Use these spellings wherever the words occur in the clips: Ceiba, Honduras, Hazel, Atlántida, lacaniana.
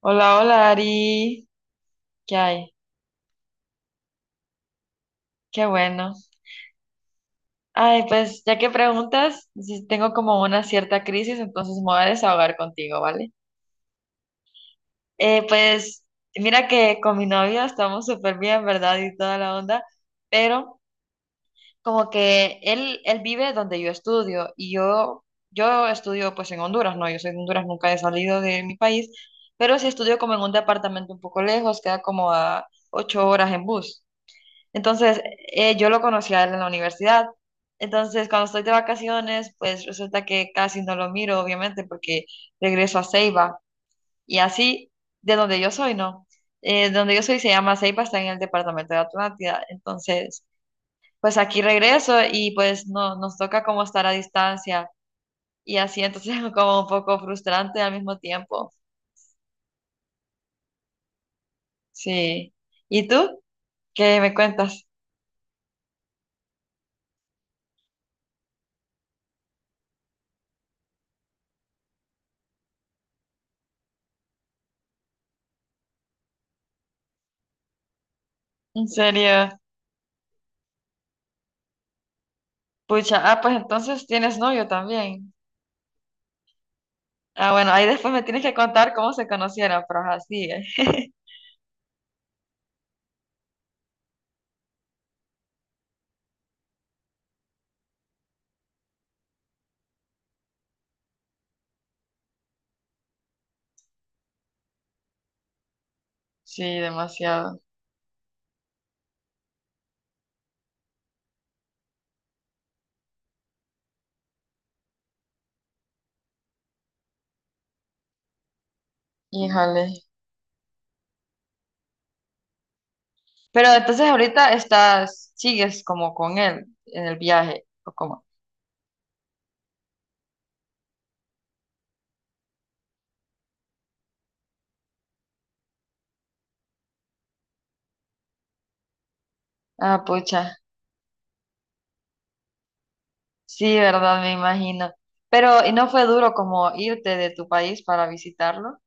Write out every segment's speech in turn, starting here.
Hola, hola Ari, ¿qué hay? Qué bueno. Ay, pues ya que preguntas, si tengo como una cierta crisis, entonces me voy a desahogar contigo, ¿vale? Pues mira que con mi novio estamos súper bien, ¿verdad? Y toda la onda, pero como que él vive donde yo estudio y yo estudio pues en Honduras, ¿no? Yo soy de Honduras, nunca he salido de mi país, pero sí estudio como en un departamento un poco lejos, queda como a 8 horas en bus. Entonces, yo lo conocí a él en la universidad. Entonces, cuando estoy de vacaciones, pues resulta que casi no lo miro, obviamente, porque regreso a Ceiba. Y así, de donde yo soy, ¿no? De donde yo soy se llama Ceiba, está en el departamento de Atlántida. Entonces, pues aquí regreso y pues no, nos toca como estar a distancia. Y así, entonces, como un poco frustrante al mismo tiempo. Sí. ¿Y tú? ¿Qué me cuentas? ¿En serio? Pucha, ah, pues entonces tienes novio también. Ah, bueno, ahí después me tienes que contar cómo se conocieron, pero ajá, sigue. Sí, demasiado. Híjole. Pero entonces ahorita estás, sigues como con él en el viaje, o como. Ah, pucha. Sí, verdad, me imagino. Pero, ¿y no fue duro como irte de tu país para visitarlo?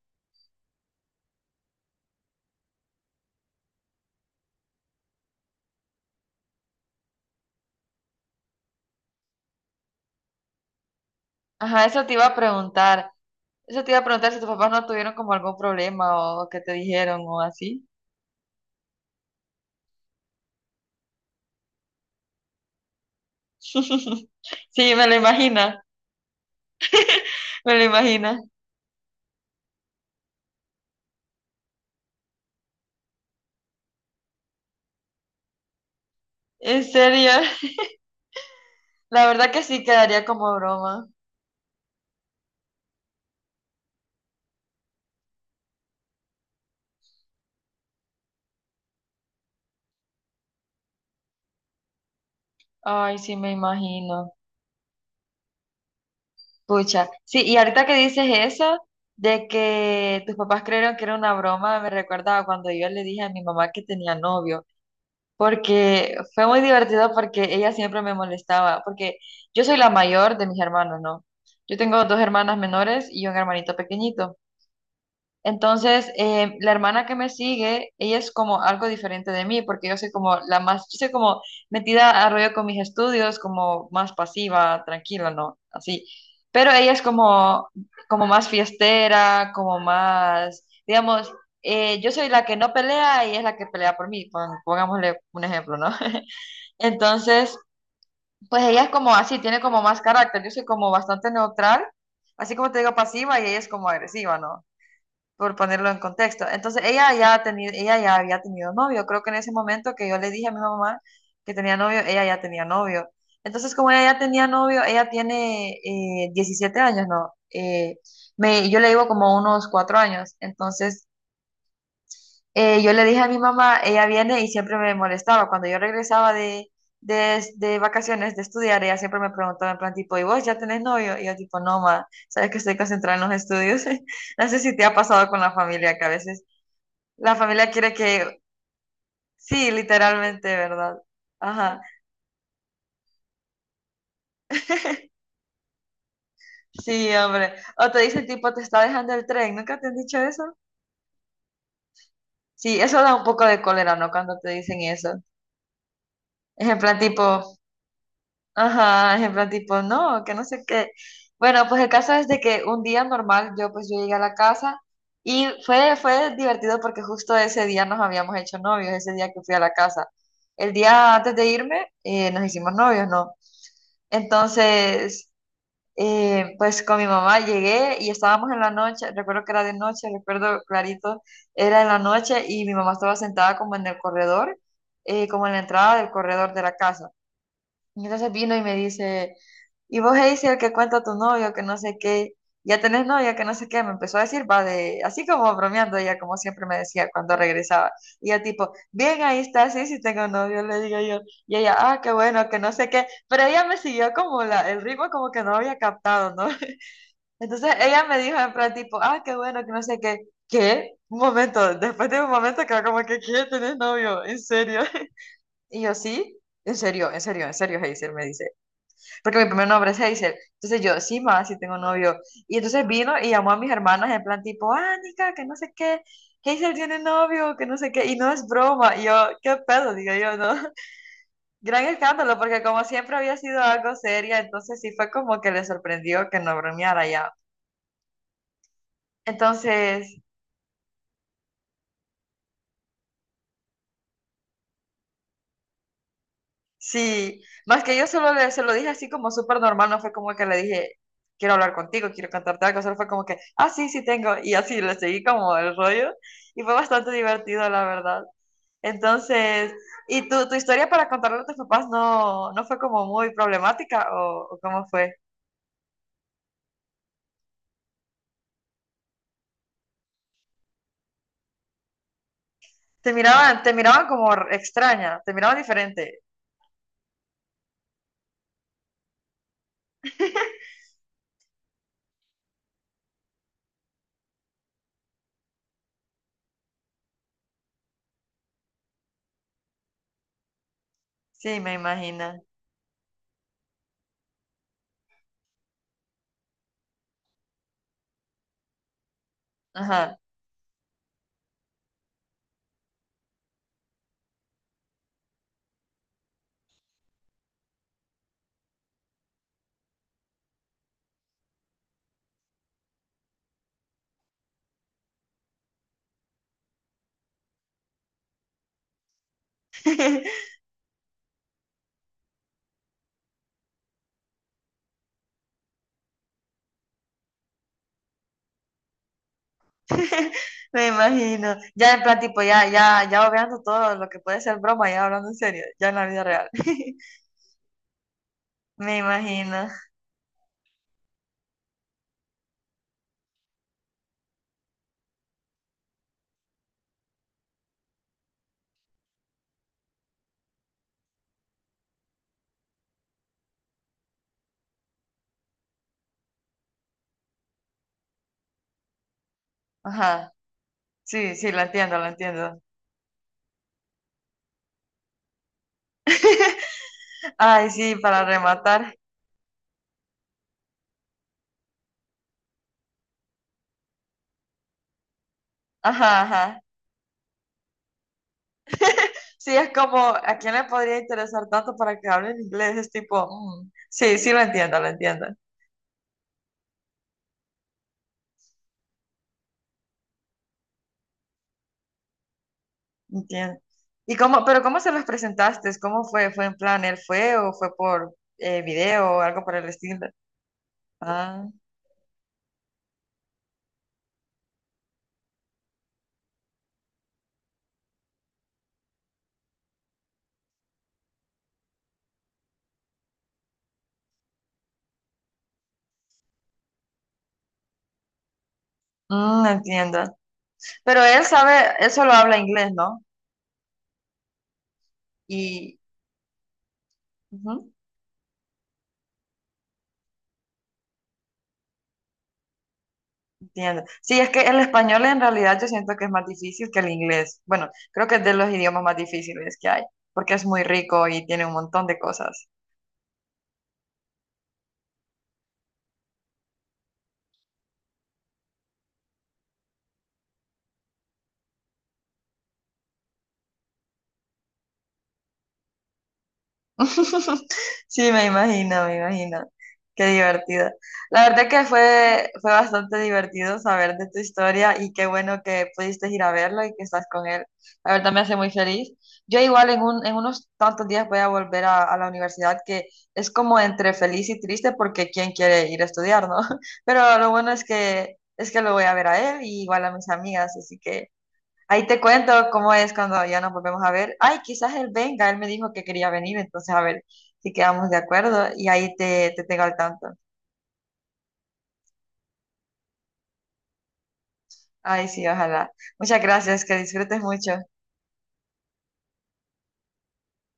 Ajá, eso te iba a preguntar. Eso te iba a preguntar si tus papás no tuvieron como algún problema o que te dijeron o así. Sí, me lo imagino, me lo imagino. ¿En serio? La verdad que sí quedaría como broma. Ay, sí, me imagino. Pucha. Sí, y ahorita que dices eso, de que tus papás creyeron que era una broma, me recuerda a cuando yo le dije a mi mamá que tenía novio, porque fue muy divertido porque ella siempre me molestaba, porque yo soy la mayor de mis hermanos, ¿no? Yo tengo dos hermanas menores y un hermanito pequeñito. Entonces, la hermana que me sigue, ella es como algo diferente de mí, porque yo soy como la más, yo soy como metida a rollo con mis estudios, como más pasiva, tranquila, ¿no? Así. Pero ella es como, como más fiestera, como más, digamos, yo soy la que no pelea y es la que pelea por mí, pongámosle un ejemplo, ¿no? Entonces, pues ella es como así, tiene como más carácter, yo soy como bastante neutral, así como te digo pasiva y ella es como agresiva, ¿no? Por ponerlo en contexto. Entonces ella ya, ha tenido, ella ya había tenido novio. Creo que en ese momento que yo le dije a mi mamá que tenía novio, ella ya tenía novio. Entonces como ella ya tenía novio, ella tiene 17 años, ¿no? Me, yo le llevo como unos 4 años. Entonces yo le dije a mi mamá, ella viene y siempre me molestaba. Cuando yo regresaba de vacaciones, de estudiar, ella siempre me preguntaba en plan tipo, ¿y vos ya tenés novio? Y yo tipo, no, ma, sabes que estoy concentrada en los estudios. No sé si te ha pasado con la familia que a veces la familia quiere que, sí, literalmente, ¿verdad? Ajá, sí, hombre. O te dicen tipo, te está dejando el tren, ¿nunca te han dicho eso? Sí, eso da un poco de cólera, ¿no? Cuando te dicen eso. Es en plan tipo, ajá, es en plan tipo, no, que no sé qué. Bueno, pues el caso es de que un día normal, yo pues yo llegué a la casa y fue divertido porque justo ese día nos habíamos hecho novios, ese día que fui a la casa. El día antes de irme, nos hicimos novios, ¿no? Entonces... Pues con mi mamá llegué y estábamos en la noche, recuerdo que era de noche, recuerdo clarito, era en la noche y mi mamá estaba sentada como en el corredor, como en la entrada del corredor de la casa. Y entonces vino y me dice, y vos, Hazel, el que cuenta a tu novio, que no sé qué, ya tenés novia, que no sé qué, me empezó a decir, va de, así como bromeando ella, como siempre me decía cuando regresaba. Y yo tipo, bien, ahí está, sí tengo novio, le digo yo. Y ella, ah, qué bueno, que no sé qué. Pero ella me siguió como la, el ritmo como que no había captado, ¿no? Entonces ella me dijo en plan tipo, ah, qué bueno, que no sé qué. ¿Qué? Un momento, después de un momento quedó como que, ¿qué? ¿Tenés novio? ¿En serio? Y yo, sí, en serio, en serio, en serio, Hazel, me dice porque mi primer nombre es Hazel. Entonces yo, sí, más, sí tengo novio. Y entonces vino y llamó a mis hermanas en plan tipo, Anika, que no sé qué, Hazel tiene novio, que no sé qué, y no es broma. Y yo, qué pedo, digo yo, ¿no? Gran escándalo, porque como siempre había sido algo seria, entonces sí fue como que le sorprendió que no bromeara ya. Entonces, sí, más que yo solo le, se lo dije así como súper normal, no fue como que le dije, quiero hablar contigo, quiero cantarte algo, solo fue como que, ah, sí tengo, y así le seguí como el rollo, y fue bastante divertido, la verdad. Entonces, ¿y tu historia para contarle a tus papás no, no fue como muy problemática o cómo fue? Te miraban como extraña, te miraban diferente. Sí, me imagino. Ajá. Me imagino. Ya en plan, tipo, ya, ya, ya obviando todo lo que puede ser broma, ya hablando en serio, ya en la vida real. Me imagino. Ajá. Sí, sí, lo entiendo, lo entiendo. Ay, sí, para rematar. Ajá, ajá. Sí, es como, ¿a quién le podría interesar tanto para que hable en inglés? Es tipo, mm, sí, sí, lo entiendo, lo entiendo. Entiendo. ¿Y cómo, pero cómo se los presentaste? ¿Cómo fue? ¿Fue en plan, él fue o fue por video o algo por el estilo? Ah, mm, entiendo. Pero él sabe, él solo habla inglés, ¿no? Y ujú, entiendo. Sí, es que el español en realidad yo siento que es más difícil que el inglés. Bueno, creo que es de los idiomas más difíciles que hay, porque es muy rico y tiene un montón de cosas. Sí, me imagino, me imagino. Qué divertido. La verdad que fue bastante divertido saber de tu historia y qué bueno que pudiste ir a verlo y que estás con él. La verdad me hace muy feliz. Yo igual en un, en unos tantos días voy a volver a la universidad, que es como entre feliz y triste porque quién quiere ir a estudiar, ¿no? Pero lo bueno es que lo voy a ver a él y igual a mis amigas, así que ahí te cuento cómo es cuando ya nos volvemos a ver. Ay, quizás él venga, él me dijo que quería venir, entonces a ver si quedamos de acuerdo y ahí te, te tengo al tanto. Ay, sí, ojalá. Muchas gracias, que disfrutes mucho.